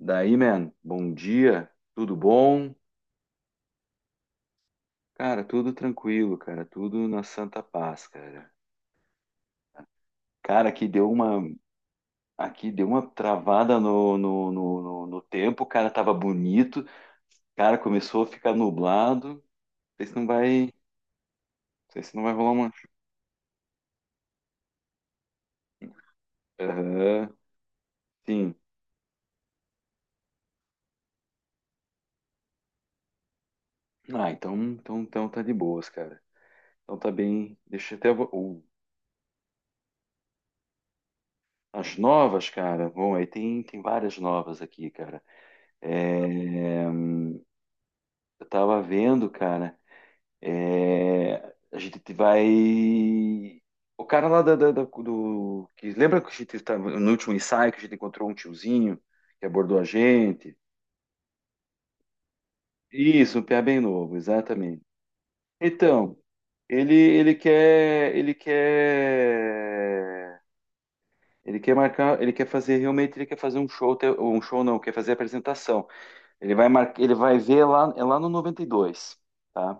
Daí, man, bom dia, tudo bom? Cara, tudo tranquilo, cara, tudo na santa paz, cara. Cara, aqui deu uma travada no tempo, o cara tava bonito, cara, começou a ficar nublado, não sei se não vai rolar uma. Aham, sim. Ah, então tá de boas, cara. Então tá bem, deixa eu até. As novas, cara, bom, aí tem várias novas aqui, cara. É. Eu tava vendo, cara. É, a gente vai. O cara lá lembra que a gente estava no último ensaio que a gente encontrou um tiozinho que abordou a gente? Isso, um piá bem novo, exatamente. Então, ele quer. Ele quer marcar. Ele quer fazer realmente. Ele quer fazer um show. Um show não, quer fazer apresentação. Ele vai ver lá, é lá no 92, tá?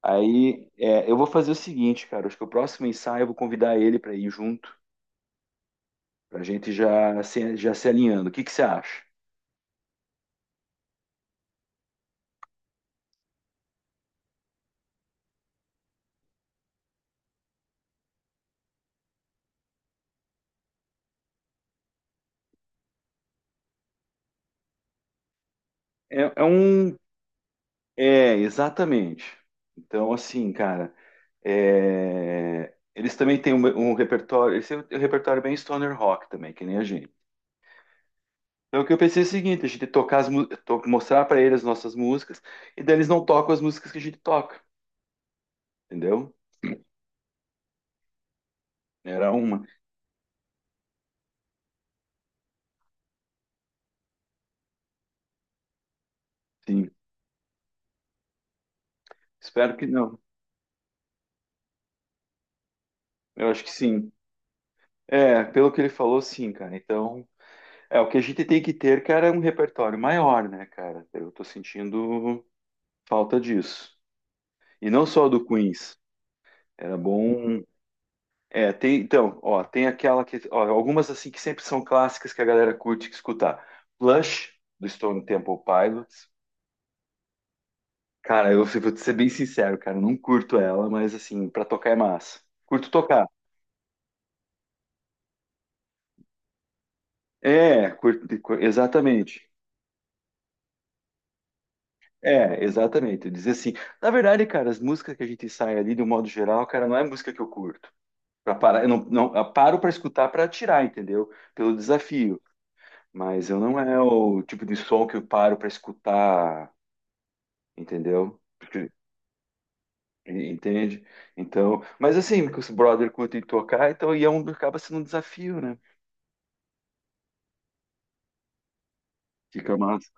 Aí é, eu vou fazer o seguinte, cara. Acho que o próximo ensaio eu vou convidar ele para ir junto, para a gente já se alinhando. O que que você acha? É, é um. É, exatamente. Então, assim, cara, é, eles também têm um repertório. Esse é um repertório bem stoner rock também, que nem a gente. Então, o que eu pensei é o seguinte: a gente tocar mostrar para eles as nossas músicas, e daí eles não tocam as músicas que a gente toca, entendeu? Era uma. Sim. Espero que não. Eu acho que sim. É, pelo que ele falou, sim, cara. Então, é o que a gente tem que ter, cara, é um repertório maior, né, cara? Eu tô sentindo falta disso. E não só do Queens. Era bom. É, tem, então, ó, tem aquela que, ó, algumas assim que sempre são clássicas que a galera curte escutar. Plush do Stone Temple Pilots. Cara, eu vou ser bem sincero, cara, eu não curto ela, mas assim, pra tocar é massa. Curto tocar. Exatamente. É, exatamente. Dizer assim, na verdade, cara, as músicas que a gente sai ali, do modo geral, cara, não é música que eu curto. Pra parar, eu não, não, eu paro pra escutar pra tirar, entendeu? Pelo desafio. Mas eu não é o tipo de som que eu paro pra escutar, entendeu? Entende? Então, mas assim, que os brother curtem tocar, então e é um, acaba sendo um desafio, né? Fica massa.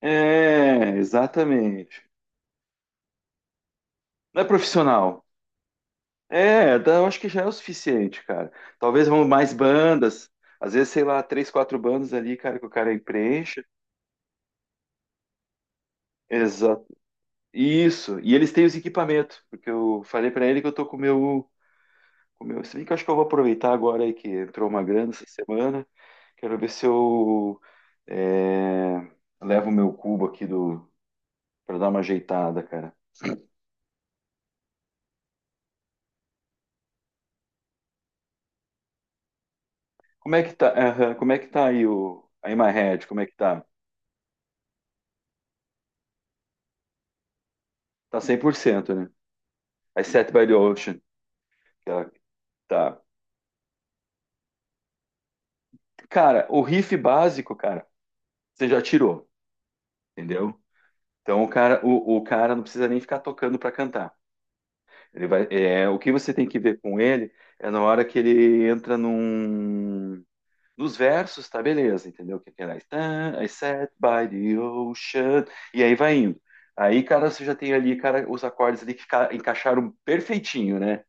É, exatamente. Não é profissional. Eu acho que já é o suficiente, cara. Talvez vão mais bandas, às vezes, sei lá, três, quatro bandas ali, cara, que o cara preencha. Exato. Isso. E eles têm os equipamentos, porque eu falei pra ele que eu tô com o meu. Se bem que eu acho que eu vou aproveitar agora aí que entrou uma grana essa semana. Quero ver se eu é, levo o meu cubo aqui do para dar uma ajeitada, cara. Como é que tá? Aham, como é que tá aí o a In My Head? Como é que tá? Tá 100%, né? I Set by the Ocean. Tá, tá. Cara, o riff básico, cara, você já tirou, entendeu? Então o cara, o cara não precisa nem ficar tocando para cantar. Ele vai, é, o que você tem que ver com ele é na hora que ele entra nos versos, tá beleza, entendeu? Que tem lá, "Stand- I sat by the ocean, e aí vai indo. Aí, cara, você já tem ali, cara, os acordes ali que encaixaram perfeitinho, né?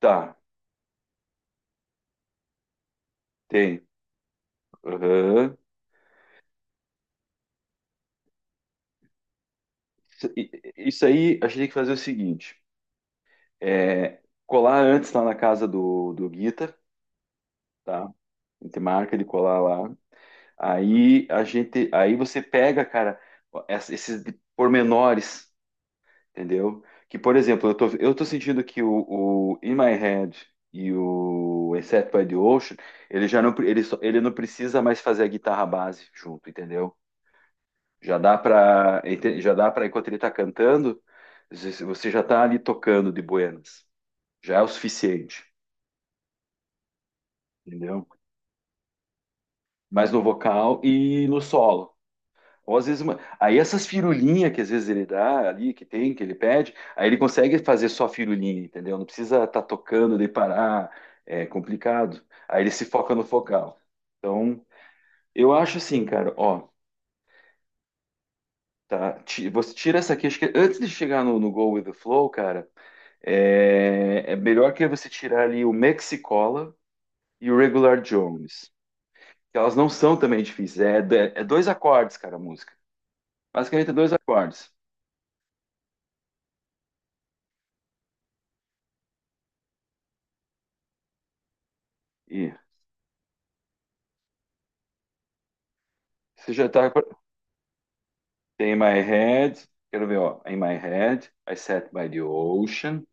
Tá, tem. Aham. Isso e- isso aí, a gente tem que fazer o seguinte. É, colar antes lá na casa do Guita, tá? A gente marca de colar lá. Aí a gente, aí você pega, cara, esses pormenores, entendeu? Que, por exemplo, eu tô sentindo que o In My Head e o Except by the Ocean, ele não precisa mais fazer a guitarra base junto, entendeu? Já dá pra, já dá pra, enquanto ele tá cantando, você já tá ali tocando de buenas. Já é o suficiente, entendeu? Mais no vocal e no solo. Ou às vezes, uma- aí essas firulinhas que às vezes ele dá ali, que tem, que ele pede, aí ele consegue fazer só firulinha, entendeu? Não precisa estar tá tocando, de parar, é complicado. Aí ele se foca no focal. Então, eu acho assim, cara, ó, tá, você tira essa aqui, acho que antes de chegar no Go With The Flow, cara, é, é melhor que você tirar ali o Mexicola e o Regular Jones, que elas não são também difíceis, é, é dois acordes, cara, a música. Basicamente, é dois acordes. E você já tá. Tem my head. Quero ver, ó. In my head, I sat by the ocean,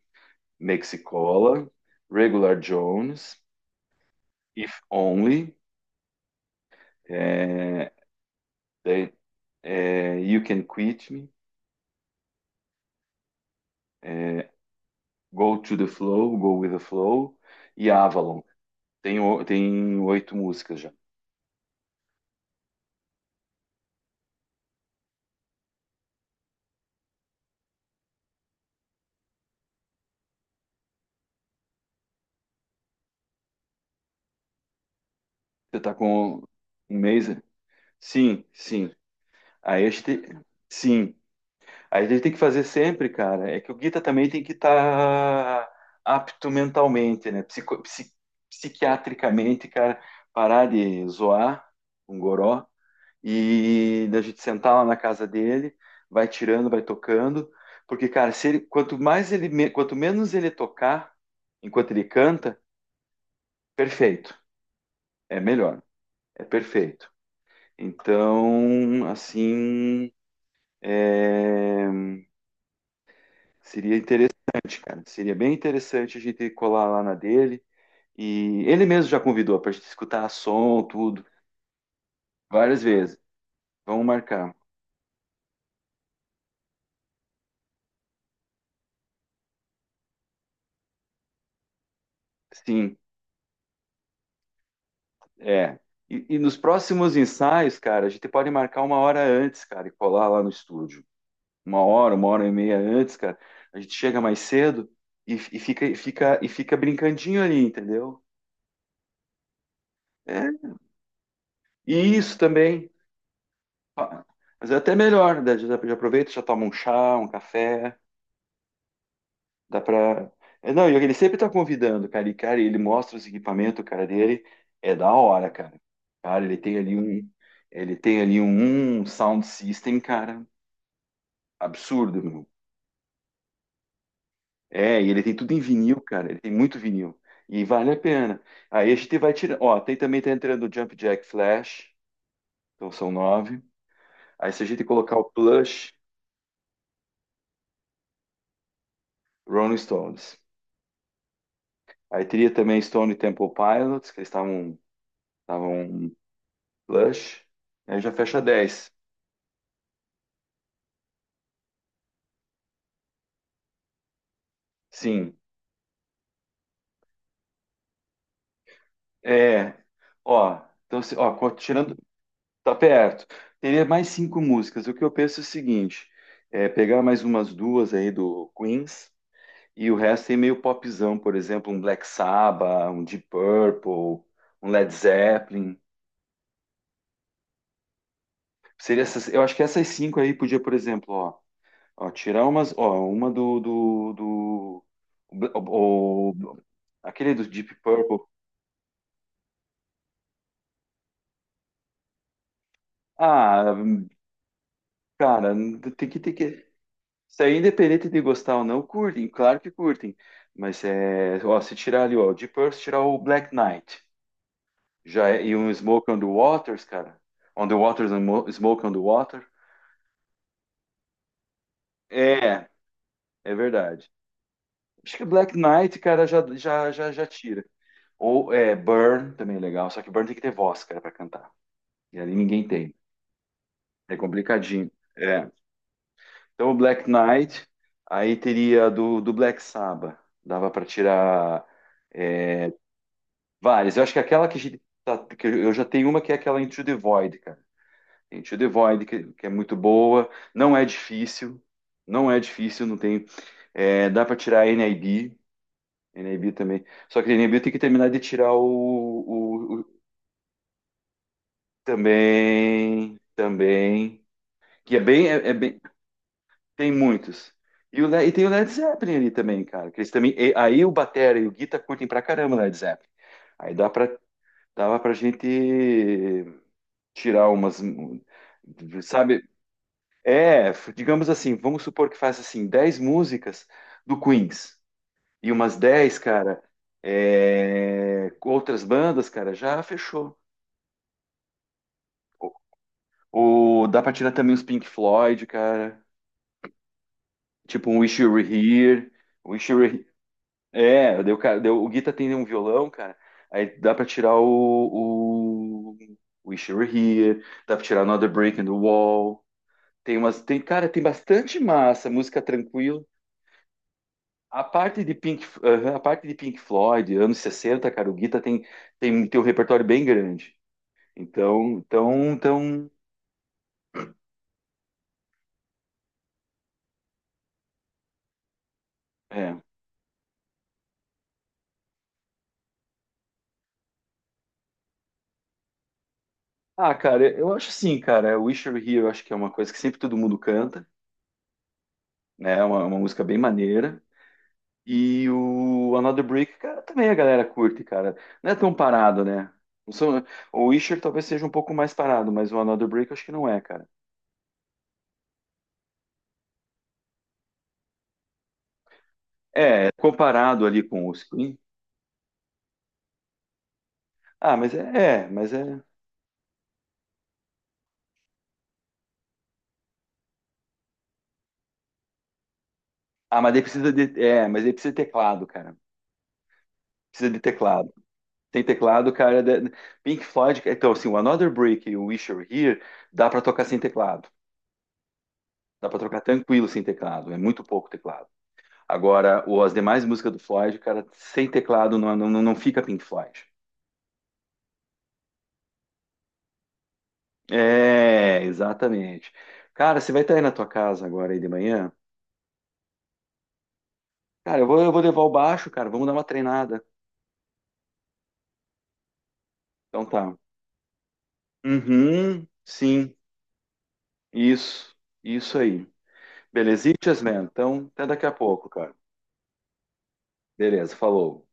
Mexicola, Regular Jones, If Only, é, they, é, You Can Quit Me, é, Go to the Flow, Go with the Flow e Avalon. Tem, tem oito músicas já. Você tá com um mês? Sim, sim. A este, sim. A gente tem que fazer sempre, cara, é que o guita também tem que estar apto mentalmente, né? Psiquiatricamente, cara, parar de zoar um goró e da gente sentar lá na casa dele, vai tirando, vai tocando, porque, cara, se ele, quanto mais ele, quanto menos ele tocar enquanto ele canta, perfeito, é melhor, é perfeito. Então, assim, é. Seria interessante, cara. Seria bem interessante a gente colar lá na dele. E ele mesmo já convidou pra gente escutar som, tudo, várias vezes. Vamos marcar. Sim, é. E nos próximos ensaios, cara, a gente pode marcar uma hora antes, cara, e colar lá no estúdio. Uma hora e meia antes, cara. A gente chega mais cedo e fica brincandinho ali, entendeu? É. E isso também. Mas é até melhor, né? Já já aproveita, já toma um chá, um café. Dá pra. É, não, e ele sempre tá convidando, cara. E, cara, ele mostra os equipamentos, cara, dele. É da hora, cara. Cara, ele tem ali um. Ele tem ali um sound system, cara. Absurdo, meu. É, e ele tem tudo em vinil, cara. Ele tem muito vinil. E vale a pena. Aí a gente vai tirar. Ó, tem também tá entrando o Jump Jack Flash. Então são nove. Aí se a gente colocar o Plush, Rolling Stones. Aí teria também Stone Temple Pilots, que eles estavam. Estavam Plush. Aí já fecha 10. Sim, é. Ó, então, tirando, tá perto. Teria mais cinco músicas. O que eu penso é o seguinte: é pegar mais umas duas aí do Queens e o resto é meio popzão, por exemplo, um Black Sabbath, um Deep Purple, um Led Zeppelin. Seria essas, eu acho que essas cinco aí podia, por exemplo, ó, ó, tirar umas, ó, uma do o, o- aquele do Deep Purple. Ah, cara, tem que ter que isso aí, independente de gostar ou não, curtem, claro que curtem. Mas é, ó, se tirar ali, ó, o Deep Purple, se tirar o Black Knight, já é- e um Smoke on the Waters, cara. On the Waters, and Mo- Smoke on the Water. É, é verdade. Acho que Black Knight, cara, já tira. Ou é, Burn também é legal, só que Burn tem que ter voz, cara, pra cantar. E ali ninguém tem. É complicadinho. É. Então o Black Knight, aí teria do Black Sabbath. Dava pra tirar. É, várias. Eu acho que aquela que, que eu já tenho uma que é aquela Into the Void, cara. Into the Void, que é muito boa, não é difícil, não é difícil, não tem. É, dá para tirar NIB, NIB também. Só que NIB tem que terminar de tirar o. Também, também. Que é bem, é, é bem, tem muitos. E tem o Led Zeppelin ali também, cara. Que eles também, aí o batera e o guitar curtem pra caramba o Led Zeppelin. Aí dá pra, dava pra gente tirar umas, sabe? É, digamos assim, vamos supor que faça assim 10 músicas do Queens e umas 10 cara, é, com outras bandas, cara, já fechou. Ou dá pra tirar também os Pink Floyd, cara, tipo um Wish You Were Here, Wish You Were He- É, deu, cara, daí o Guita tem um violão, cara, aí dá pra tirar o Wish You Were Here, dá pra tirar Another Break in the Wall, tem umas, tem, cara, tem bastante massa, música tranquila. A parte de Pink, aham, a parte de Pink Floyd, anos 60, cara, o Guita tem, tem um repertório bem grande. Então, é. Ah, cara, eu acho assim, cara, Wish You Were Here, eu acho que é uma coisa que sempre todo mundo canta, né? É uma música bem maneira. E o Another Brick, cara, também a galera curte, cara. Não é tão parado, né? Não são. O Wisher talvez seja um pouco mais parado, mas o Another Brick eu acho que não é, cara. É comparado ali com o Scream, ah, mas é. Ah, mas daí precisa de. É, mas daí precisa de teclado, cara. Precisa de teclado. Tem teclado, cara. Da Pink Floyd. Então, assim, o Another Brick e o Wish You Were Here dá pra tocar sem teclado. Dá pra tocar tranquilo sem teclado. É muito pouco teclado. Agora, o, as demais músicas do Floyd, cara, sem teclado não fica Pink Floyd. É, exatamente. Cara, você vai estar aí na tua casa agora aí de manhã? Cara, eu vou levar o baixo, cara. Vamos dar uma treinada. Então tá. Uhum, sim. Isso, isso aí. Belezitas, man. Então, até daqui a pouco, cara. Beleza, falou.